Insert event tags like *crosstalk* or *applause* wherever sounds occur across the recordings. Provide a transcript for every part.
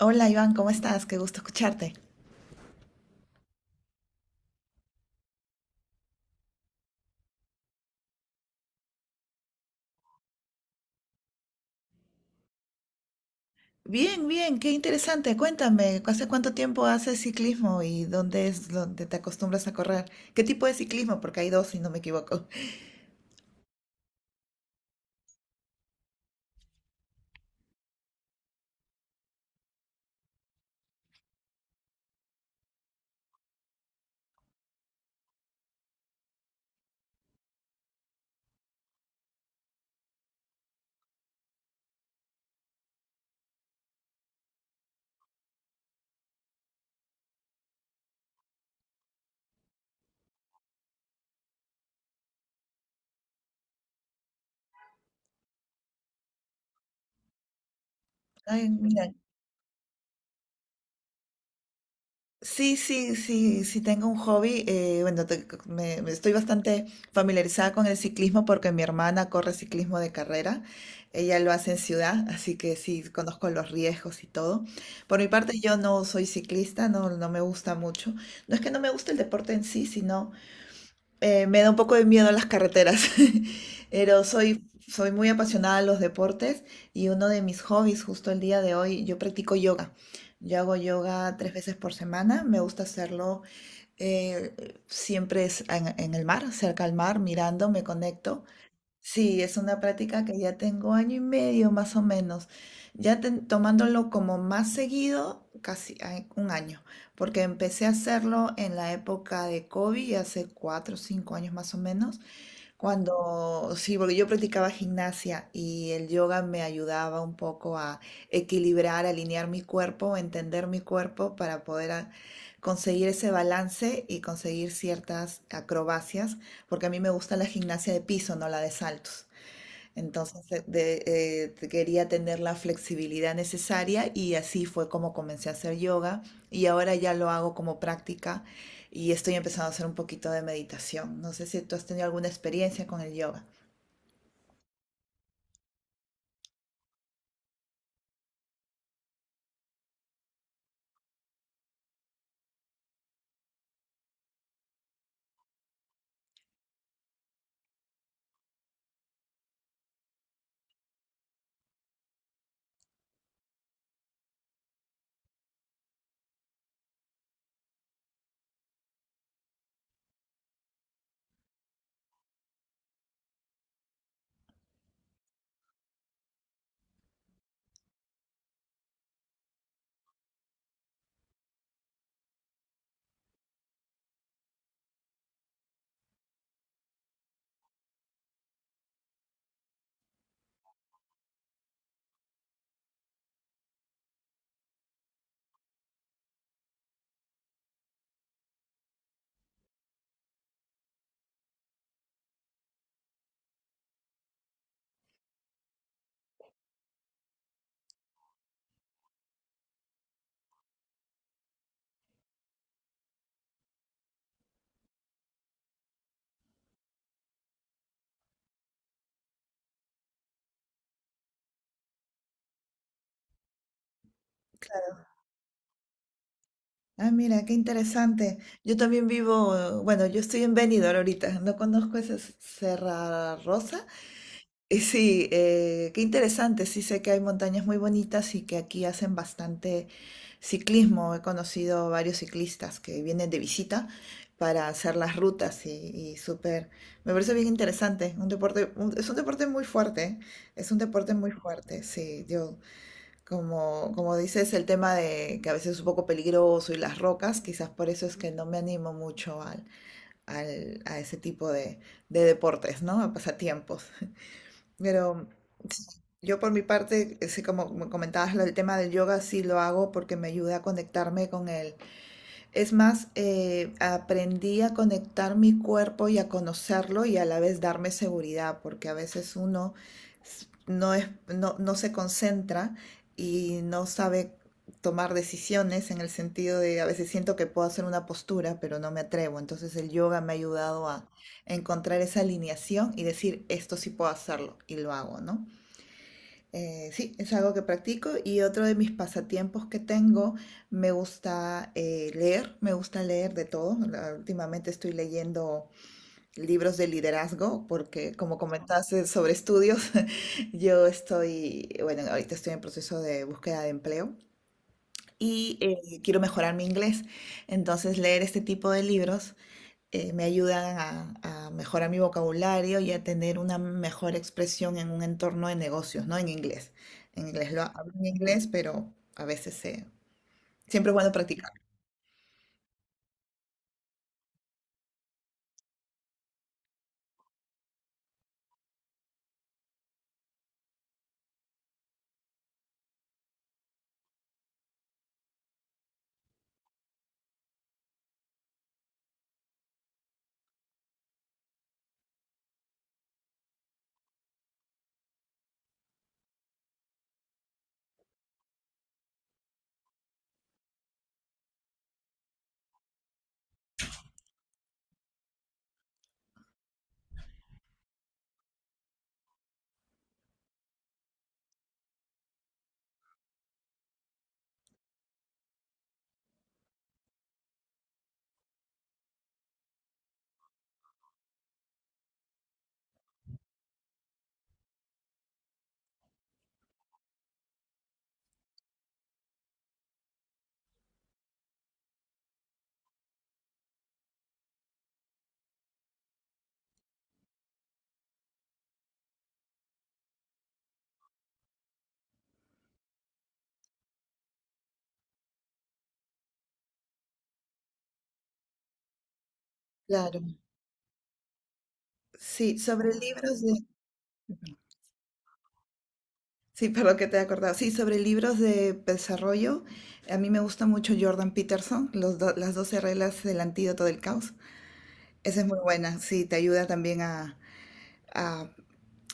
Hola Iván, ¿cómo estás? Qué gusto escucharte. Bien, bien, qué interesante. Cuéntame, ¿hace cuánto tiempo haces ciclismo y dónde es donde te acostumbras a correr? ¿Qué tipo de ciclismo? Porque hay dos, si no me equivoco. *laughs* Ay, mira, sí, sí, sí, sí tengo un hobby. Me estoy bastante familiarizada con el ciclismo porque mi hermana corre ciclismo de carrera. Ella lo hace en ciudad, así que sí, conozco los riesgos y todo. Por mi parte, yo no soy ciclista, no, no me gusta mucho. No es que no me guste el deporte en sí, me da un poco de miedo las carreteras, *laughs* pero soy muy apasionada a los deportes y uno de mis hobbies justo el día de hoy, yo practico yoga. Yo hago yoga tres veces por semana, me gusta hacerlo, eh, siempre es en el mar, cerca al mar, mirando, me conecto. Sí, es una práctica que ya tengo año y medio más o menos, ya tomándolo como más seguido, casi ay, un año, porque empecé a hacerlo en la época de COVID, hace cuatro o cinco años más o menos, cuando, sí, porque yo practicaba gimnasia y el yoga me ayudaba un poco a equilibrar, alinear mi cuerpo, entender mi cuerpo para conseguir ese balance y conseguir ciertas acrobacias, porque a mí me gusta la gimnasia de piso, no la de saltos. Entonces eh, de- quería tener la flexibilidad necesaria y así fue como comencé a hacer yoga y ahora ya lo hago como práctica y estoy empezando a hacer un poquito de meditación. No sé si tú has tenido alguna experiencia con el yoga. Ah, mira, qué interesante. Yo también vivo, bueno, yo estoy en Benidorm ahorita, no conozco esa Serra Rosa. Y sí, qué interesante. Sí sé que hay montañas muy bonitas y que aquí hacen bastante ciclismo. He conocido varios ciclistas que vienen de visita para hacer las rutas y súper, me parece bien interesante. Un deporte, es un deporte muy fuerte, ¿eh? Es un deporte muy fuerte. Sí, yo como como dices el tema de que a veces es un poco peligroso y las rocas, quizás por eso es que no me animo mucho a ese tipo de deportes, ¿no? A pasatiempos. Pero yo por mi parte, sí, como como comentabas, el tema del yoga sí lo hago porque me ayuda a conectarme con el, es más, aprendí a conectar mi cuerpo y a conocerlo y a la vez darme seguridad, porque a veces uno no es, no, no se concentra y no sabe tomar decisiones en el sentido de a veces siento que puedo hacer una postura, pero no me atrevo. Entonces el yoga me ha ayudado a encontrar esa alineación y decir, esto sí puedo hacerlo y lo hago, ¿no? Sí, es algo que practico y otro de mis pasatiempos que tengo, me gusta leer, me gusta leer de todo. Últimamente estoy leyendo libros de liderazgo porque, como comentaste sobre estudios, *laughs* yo estoy, bueno, ahorita estoy en proceso de búsqueda de empleo y quiero mejorar mi inglés. Entonces, leer este tipo de libros me ayudan a mejorar mi vocabulario y a tener una mejor expresión en un entorno de negocios, ¿no? En inglés. En inglés lo hablo en inglés, pero a veces siempre es bueno practicar. Claro. Sí, sobre libros de... Sí, perdón que te he acordado. Sí, sobre libros de desarrollo, a mí me gusta mucho Jordan Peterson, los las 12 reglas del antídoto del caos. Esa es muy buena, sí, te ayuda también a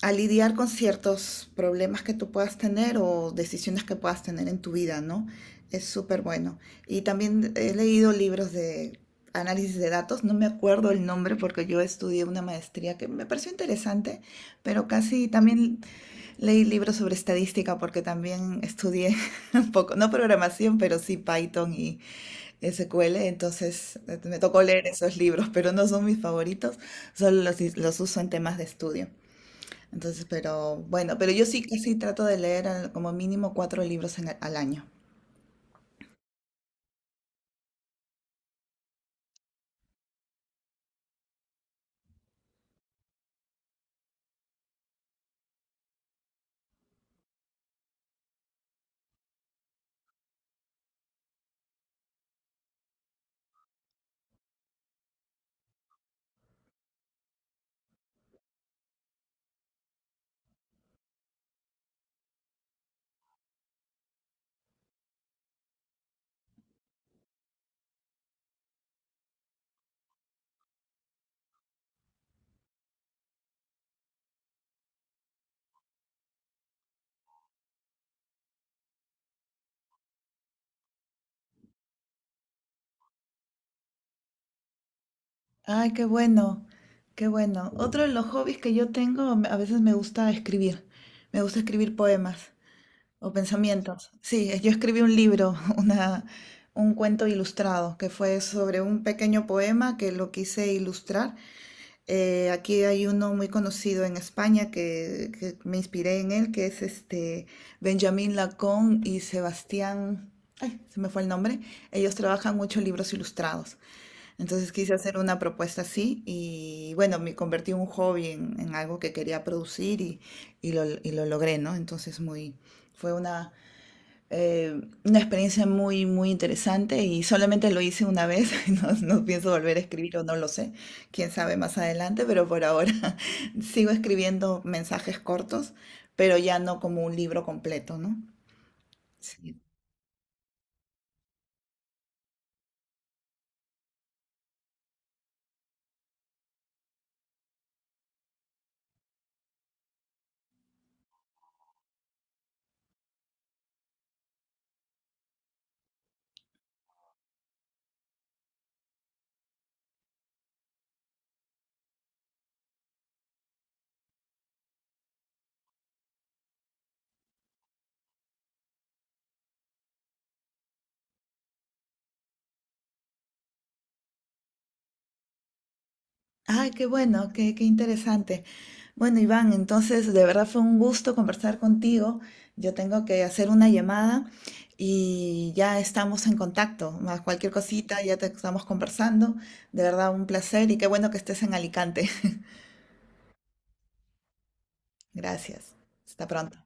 a lidiar con ciertos problemas que tú puedas tener o decisiones que puedas tener en tu vida, ¿no? Es súper bueno. Y también he leído libros de análisis de datos, no me acuerdo el nombre porque yo estudié una maestría que me pareció interesante, pero casi también leí libros sobre estadística porque también estudié *laughs* un poco, no programación, pero sí Python y SQL, entonces me tocó leer esos libros, pero no son mis favoritos, los uso en temas de estudio. Entonces, pero bueno, pero yo sí casi trato de leer como mínimo cuatro libros al año. Ay, qué bueno, qué bueno. Otro de los hobbies que yo tengo, a veces me gusta escribir. Me gusta escribir poemas o pensamientos. Sí, yo escribí un libro, *laughs* una, un cuento ilustrado, que fue sobre un pequeño poema que lo quise ilustrar. Aquí hay uno muy conocido en España que me inspiré en él, que es este Benjamín Lacón y Sebastián, ay, se me fue el nombre. Ellos trabajan mucho libros ilustrados. Entonces quise hacer una propuesta así y bueno, me convertí un hobby en algo que quería producir y, y lo logré, ¿no? Entonces muy, fue una experiencia muy, muy interesante y solamente lo hice una vez, *laughs* no, no pienso volver a escribir o no lo sé, quién sabe más adelante, pero por ahora *laughs* sigo escribiendo mensajes cortos, pero ya no como un libro completo, ¿no? Sí. Ay, qué bueno, qué, qué interesante. Bueno, Iván, entonces de verdad fue un gusto conversar contigo. Yo tengo que hacer una llamada y ya estamos en contacto. Más cualquier cosita, ya te estamos conversando. De verdad, un placer y qué bueno que estés en Alicante. *laughs* Gracias. Hasta pronto.